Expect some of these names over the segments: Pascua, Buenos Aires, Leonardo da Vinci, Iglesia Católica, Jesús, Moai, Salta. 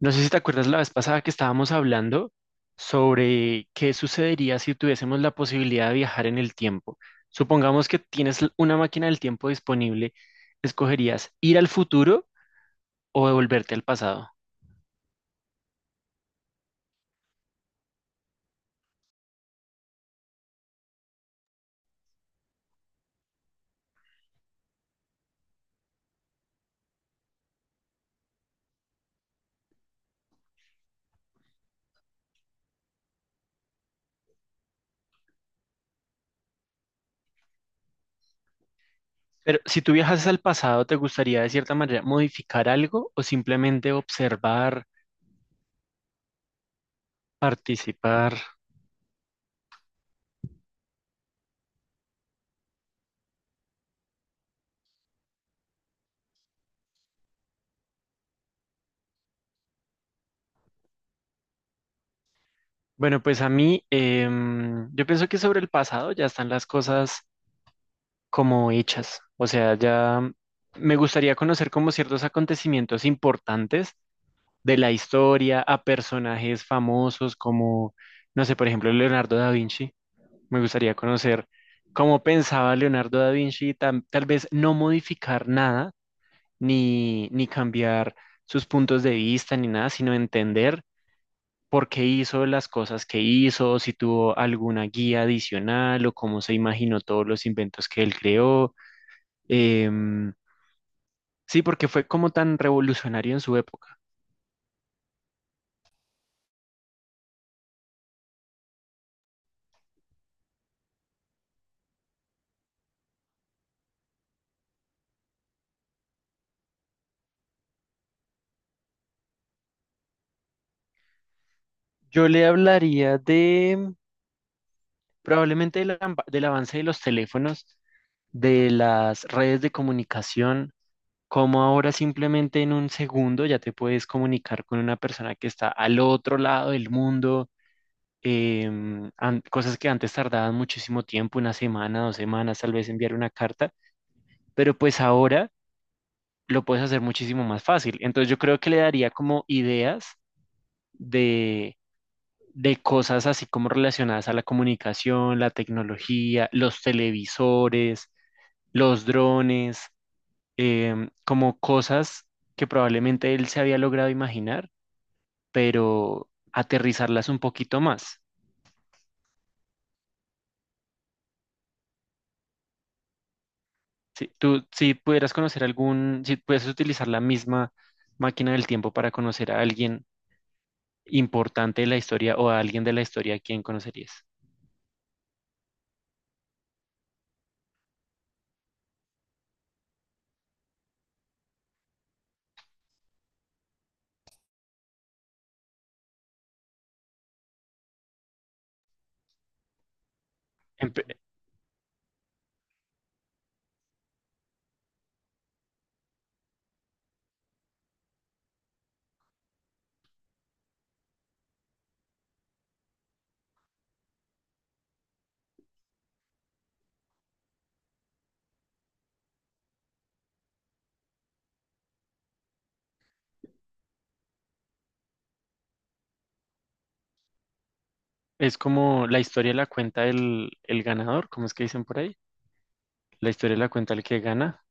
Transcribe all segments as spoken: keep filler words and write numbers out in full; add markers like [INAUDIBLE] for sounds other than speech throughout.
No sé si te acuerdas la vez pasada que estábamos hablando sobre qué sucedería si tuviésemos la posibilidad de viajar en el tiempo. Supongamos que tienes l- una máquina del tiempo disponible, ¿escogerías ir al futuro o devolverte al pasado? Pero si tú viajas al pasado, ¿te gustaría de cierta manera modificar algo o simplemente observar, participar? Bueno, pues a mí, em, yo pienso que sobre el pasado ya están las cosas como hechas. O sea, ya me gustaría conocer como ciertos acontecimientos importantes de la historia a personajes famosos como, no sé, por ejemplo, Leonardo da Vinci. Me gustaría conocer cómo pensaba Leonardo da Vinci, y tam- tal vez no modificar nada ni, ni cambiar sus puntos de vista ni nada, sino entender por qué hizo las cosas que hizo, si tuvo alguna guía adicional o cómo se imaginó todos los inventos que él creó. Em, Sí, porque fue como tan revolucionario en su época. Yo le hablaría de probablemente del, amba- del avance de los teléfonos, de las redes de comunicación, como ahora simplemente en un segundo ya te puedes comunicar con una persona que está al otro lado del mundo, em, an- cosas que antes tardaban muchísimo tiempo, una semana, dos semanas, tal vez enviar una carta, pero pues ahora lo puedes hacer muchísimo más fácil. Entonces yo creo que le daría como ideas de cosas así como relacionadas a la comunicación, la tecnología, los televisores, los drones, em, como cosas que probablemente él se había logrado imaginar, pero aterrizarlas un poquito más. Si tú, si pudieras conocer algún, si pudieras utilizar la misma máquina del tiempo para conocer a alguien importante de la historia o a alguien de la historia, ¿a quién conocerías? Empe- Es como la historia la cuenta el, el ganador, ¿cómo es que dicen por ahí? La historia la cuenta el que gana.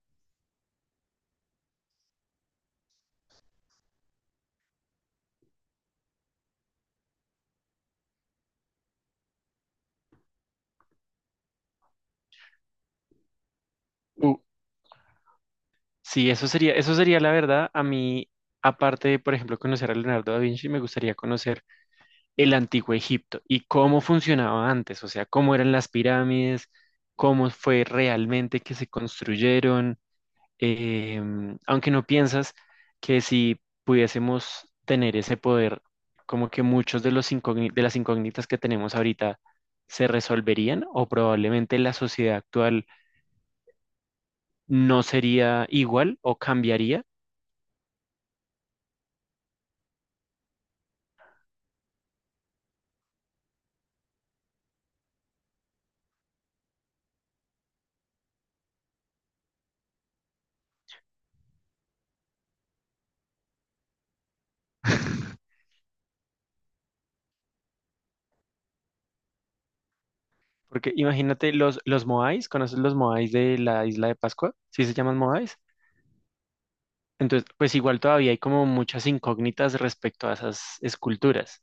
Uh, sí, eso sería, eso sería la verdad. A mí, aparte de, por ejemplo, conocer a Leonardo da Vinci, me gustaría conocer el antiguo Egipto y cómo funcionaba antes, o sea, cómo eran las pirámides, cómo fue realmente que se construyeron. Em, ¿aunque no piensas que si pudiésemos tener ese poder, como que muchos de los incógni- de las incógnitas que tenemos ahorita se resolverían o probablemente la sociedad actual no sería igual o cambiaría? [LAUGHS] Porque imagínate los, los Moais, ¿conoces los Moais de la isla de Pascua? ¿Sí se llaman Moais? Entonces, pues igual todavía hay como muchas incógnitas respecto a esas esculturas.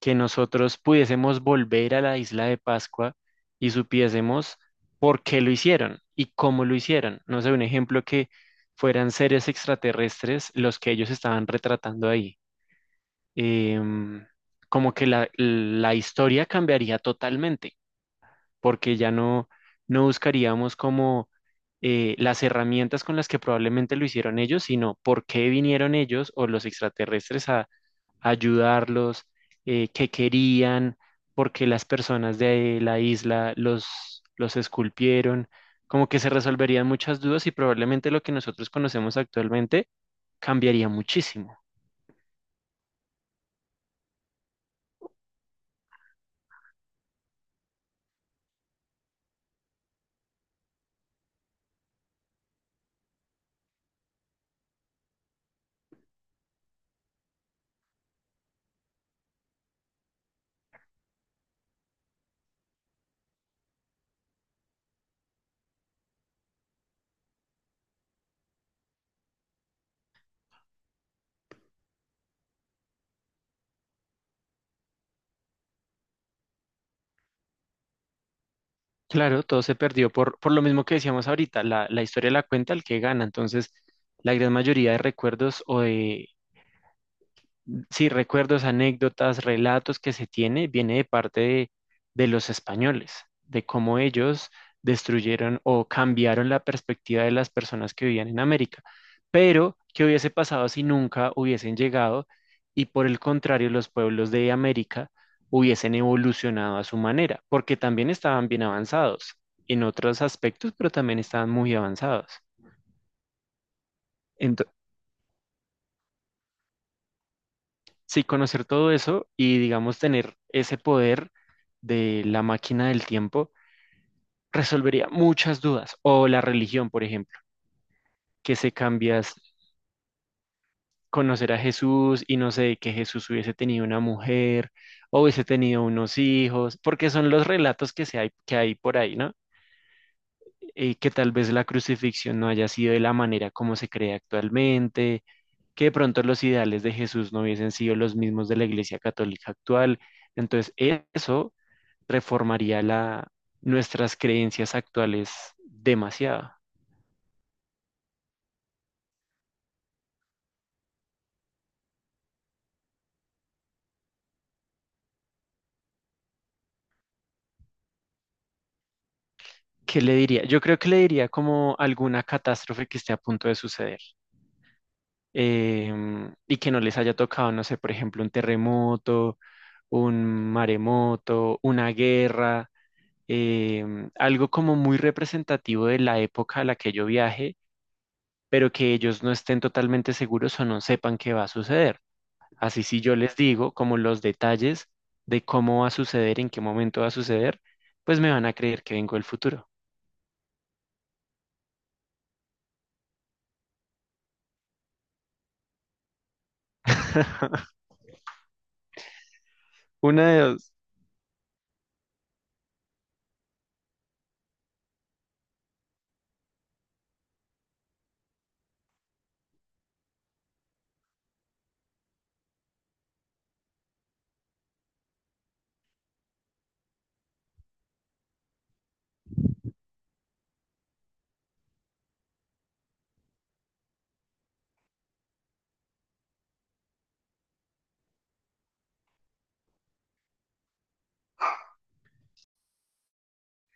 Que nosotros pudiésemos volver a la isla de Pascua y supiésemos por qué lo hicieron y cómo lo hicieron. No sé, un ejemplo, que fueran seres extraterrestres los que ellos estaban retratando ahí. em, Como que la, la historia cambiaría totalmente, porque ya no, no buscaríamos como eh, las herramientas con las que probablemente lo hicieron ellos, sino por qué vinieron ellos o los extraterrestres a, a ayudarlos, eh, qué querían, por qué las personas de la isla los, los esculpieron. Como que se resolverían muchas dudas y probablemente lo que nosotros conocemos actualmente cambiaría muchísimo. Claro, todo se perdió por, por lo mismo que decíamos ahorita, la, la historia la cuenta el que gana, entonces la gran mayoría de recuerdos o de sí, recuerdos, anécdotas, relatos que se tiene, viene de parte de, de los españoles, de cómo ellos destruyeron o cambiaron la perspectiva de las personas que vivían en América. Pero, ¿qué hubiese pasado si nunca hubiesen llegado y por el contrario los pueblos de América hubiesen evolucionado a su manera? Porque también estaban bien avanzados en otros aspectos, pero también estaban muy avanzados. Sí, conocer todo eso y, digamos, tener ese poder de la máquina del tiempo resolvería muchas dudas. O la religión, por ejemplo, que se cambias, conocer a Jesús y no sé, que Jesús hubiese tenido una mujer o hubiese tenido unos hijos, porque son los relatos que, se hay, que hay por ahí, ¿no? Y que tal vez la crucifixión no haya sido de la manera como se cree actualmente, que de pronto los ideales de Jesús no hubiesen sido los mismos de la Iglesia Católica actual. Entonces, eso reformaría la, nuestras creencias actuales demasiado. ¿Qué le diría? Yo creo que le diría como alguna catástrofe que esté a punto de suceder, em, y que no les haya tocado, no sé, por ejemplo, un terremoto, un maremoto, una guerra, em, algo como muy representativo de la época a la que yo viaje, pero que ellos no estén totalmente seguros o no sepan qué va a suceder. Así si yo les digo como los detalles de cómo va a suceder, en qué momento va a suceder, pues me van a creer que vengo del futuro. [LAUGHS] Una de dos.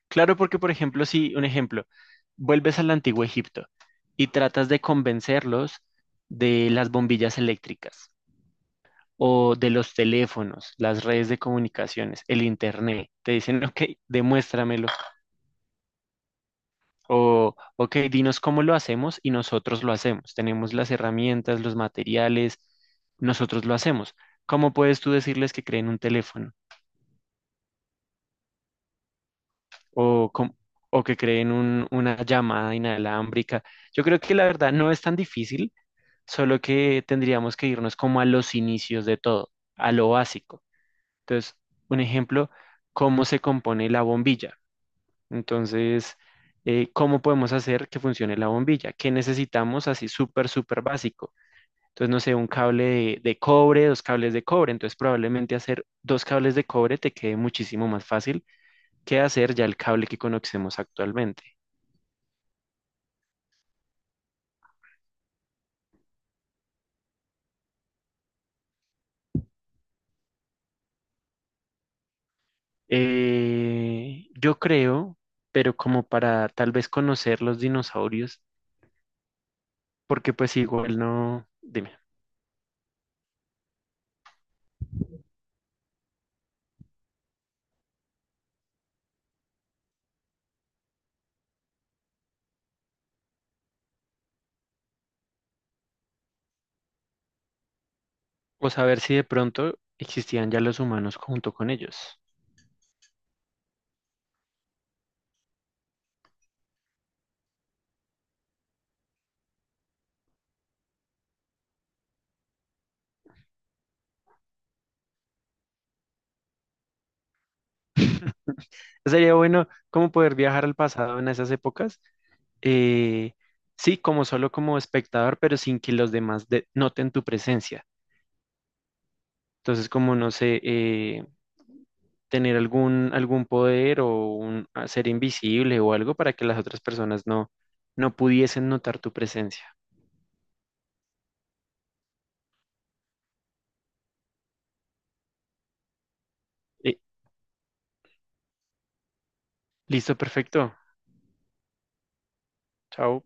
Claro, porque por ejemplo, si un ejemplo, vuelves al antiguo Egipto y tratas de convencerlos de las bombillas eléctricas o de los teléfonos, las redes de comunicaciones, el internet, te dicen, ok, demuéstramelo. O, ok, dinos cómo lo hacemos y nosotros lo hacemos. Tenemos las herramientas, los materiales, nosotros lo hacemos. ¿Cómo puedes tú decirles que creen un teléfono o, cómo- o que creen un- una llamada inalámbrica? Yo creo que la verdad no es tan difícil, solo que tendríamos que irnos como a los inicios de todo, a lo básico. Entonces, un ejemplo, ¿cómo se compone la bombilla? Entonces, eh, ¿cómo podemos hacer que funcione la bombilla? ¿Qué necesitamos así súper, súper básico? Entonces, no sé, un cable de, de cobre, dos cables de cobre. Entonces, probablemente hacer dos cables de cobre te quede muchísimo más fácil que hacer ya el cable que conocemos actualmente. Eh, yo creo, pero como para tal vez conocer los dinosaurios, porque pues igual no, dime, o saber si de pronto existían ya los humanos junto con ellos. Sería bueno como poder viajar al pasado en esas épocas. eh, sí, como solo como espectador, pero sin que los demás de- noten tu presencia. Entonces, como no sé, eh, tener algún, algún poder o un, a ser invisible o algo para que las otras personas no, no pudiesen notar tu presencia. Eh, listo, perfecto. Chao.